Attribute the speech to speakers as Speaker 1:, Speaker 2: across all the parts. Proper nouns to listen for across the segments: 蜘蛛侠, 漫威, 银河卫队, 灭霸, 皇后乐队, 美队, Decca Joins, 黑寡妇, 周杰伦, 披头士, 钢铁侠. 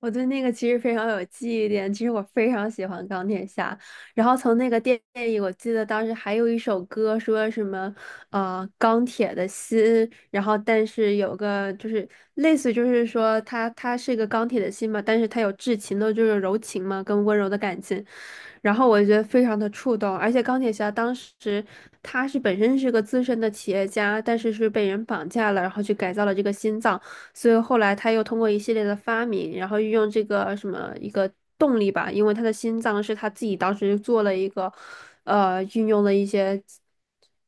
Speaker 1: 我对那个其实非常有记忆点，其实我非常喜欢钢铁侠。然后从那个电影，我记得当时还有一首歌说什么，钢铁的心。然后但是有个就是类似，就是说他是一个钢铁的心嘛，但是他有至情的，就是柔情嘛，跟温柔的感情。然后我觉得非常的触动，而且钢铁侠当时他是本身是个资深的企业家，但是是被人绑架了，然后去改造了这个心脏。所以后来他又通过一系列的发明，然后运用这个什么一个动力吧，因为他的心脏是他自己当时做了一个，运用了一些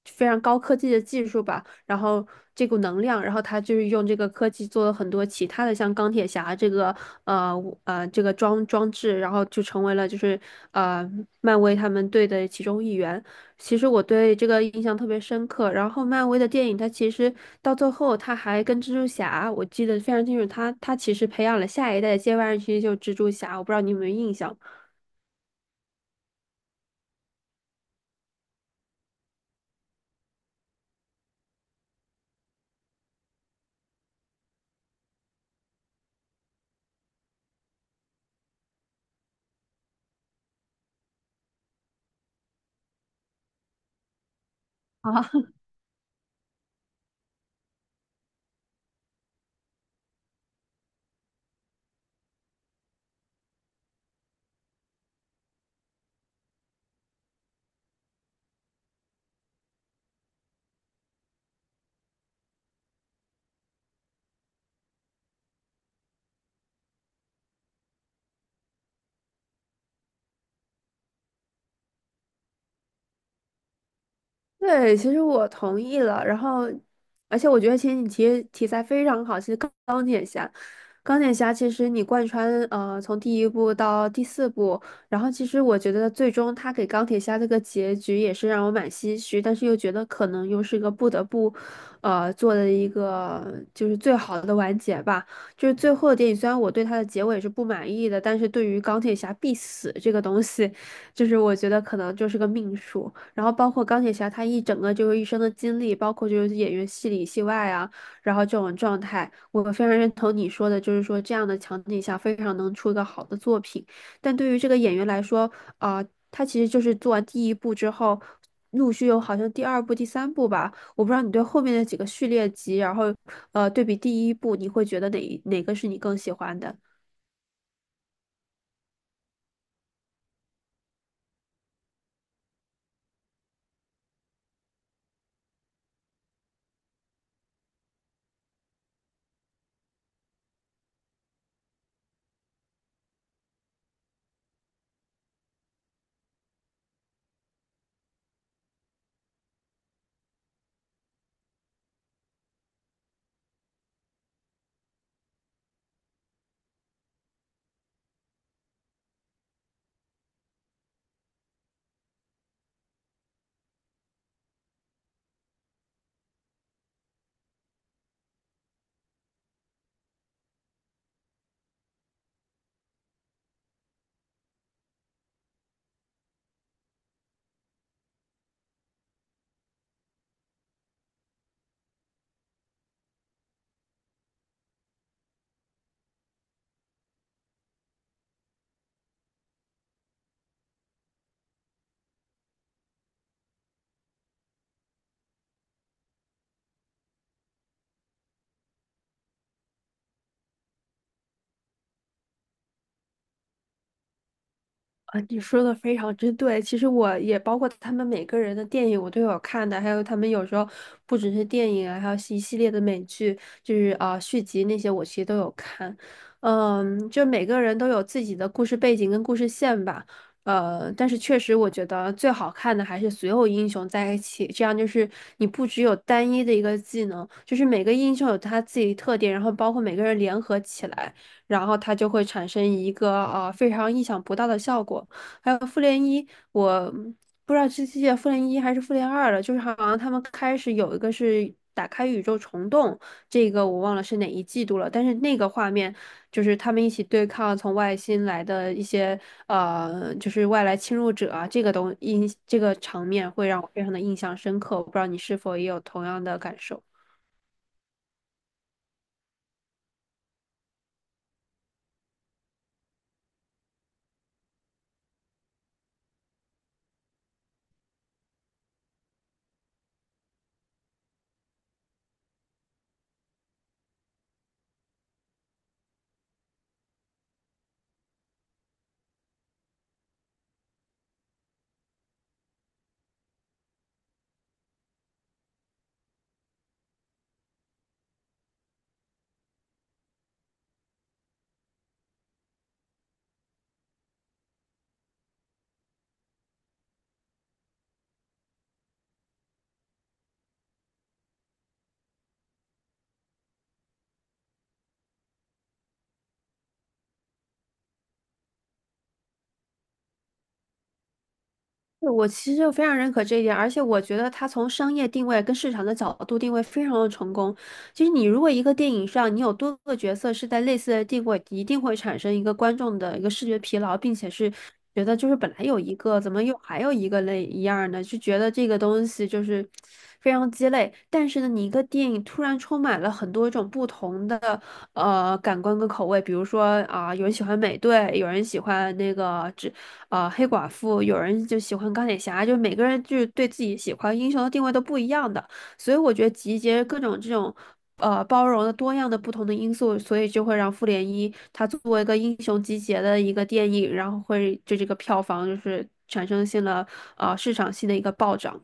Speaker 1: 非常高科技的技术吧，然后这股能量，然后他就是用这个科技做了很多其他的，像钢铁侠这个呃这个装置，然后就成为了就是呃漫威他们队的其中一员。其实我对这个印象特别深刻。然后，漫威的电影，它其实到最后，它还跟蜘蛛侠，我记得非常清楚它，它其实培养了下一代的接班人，其实就是蜘蛛侠。我不知道你有没有印象。对，其实我同意了。然后，而且我觉得其实你提题材非常好。其实钢铁侠，钢铁侠其实你贯穿从第一部到第四部，然后其实我觉得最终他给钢铁侠这个结局也是让我蛮唏嘘，但是又觉得可能又是一个不得不做的一个就是最好的完结吧。就是最后的电影，虽然我对它的结尾是不满意的，但是对于钢铁侠必死这个东西，就是我觉得可能就是个命数。然后包括钢铁侠他一整个就是一生的经历，包括就是演员戏里戏外啊，然后这种状态，我非常认同你说的，就是说这样的场景下非常能出一个好的作品。但对于这个演员来说，啊、他其实就是做完第一部之后，陆续有好像第二部、第三部吧，我不知道你对后面的几个序列集，然后对比第一部，你会觉得哪个是你更喜欢的？啊，你说的非常之对。其实我也包括他们每个人的电影，我都有看的，还有他们有时候不只是电影啊，还有一系列的美剧，就是啊、续集那些，我其实都有看。嗯，就每个人都有自己的故事背景跟故事线吧。但是确实，我觉得最好看的还是所有英雄在一起，这样就是你不只有单一的一个技能，就是每个英雄有他自己的特点，然后包括每个人联合起来，然后它就会产生一个啊非常意想不到的效果。还有复联一，我不知道这季复联一还是复联二了，就是好像他们开始有一个是打开宇宙虫洞，这个我忘了是哪一季度了，但是那个画面就是他们一起对抗从外星来的一些就是外来侵入者啊，这个东印这个场面会让我非常的印象深刻，我不知道你是否也有同样的感受。对，我其实就非常认可这一点，而且我觉得它从商业定位跟市场的角度定位非常的成功。其实你如果一个电影上你有多个角色是在类似的定位，一定会产生一个观众的一个视觉疲劳，并且是觉得就是本来有一个，怎么又还有一个类一样呢？就觉得这个东西就是非常鸡肋。但是呢，你一个电影突然充满了很多种不同的感官跟口味，比如说啊、有人喜欢美队，有人喜欢那个。只。黑寡妇，有人就喜欢钢铁侠，就是每个人就是对自己喜欢英雄的定位都不一样的，所以我觉得集结各种这种包容的多样的不同的因素，所以就会让复联一它作为一个英雄集结的一个电影，然后会就这个票房就是产生性了市场性的一个暴涨。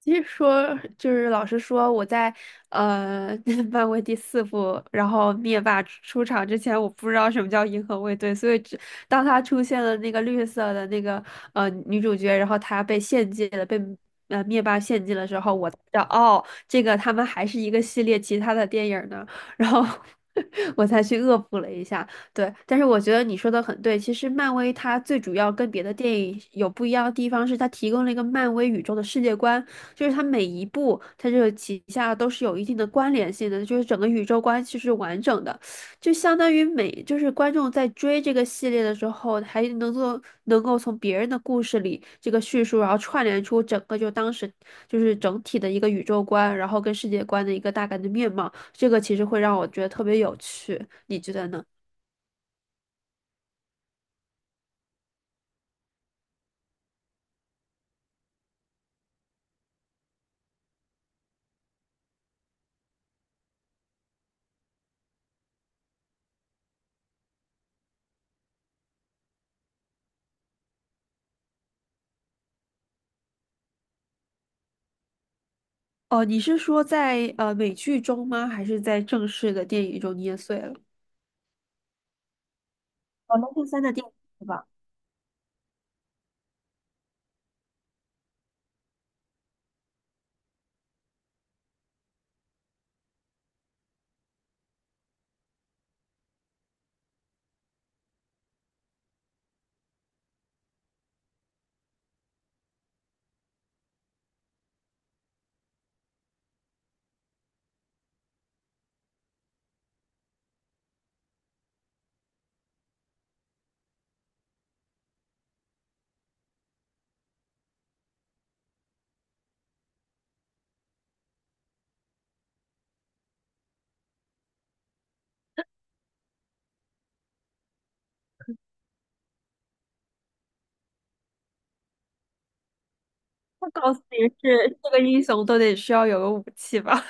Speaker 1: 其实说就是老实说，我在呃 漫威第四部，然后灭霸出场之前，我不知道什么叫银河卫队，所以只当他出现了那个绿色的那个女主角，然后她被献祭了，被灭霸献祭了之后，我才知道哦，这个他们还是一个系列其他的电影呢，然后 我才去恶补了一下。对，但是我觉得你说的很对。其实漫威它最主要跟别的电影有不一样的地方是，它提供了一个漫威宇宙的世界观，就是它每一部它这个旗下都是有一定的关联性的，就是整个宇宙关系是完整的，就相当于每就是观众在追这个系列的时候，还能够从别人的故事里这个叙述，然后串联出整个就当时就是整体的一个宇宙观，然后跟世界观的一个大概的面貌，这个其实会让我觉得特别有趣。你觉得呢？哦，你是说在美剧中吗？还是在正式的电影中捏碎了？哦，那第三的电影是吧？他告诉你是这个英雄都得需要有个武器吧？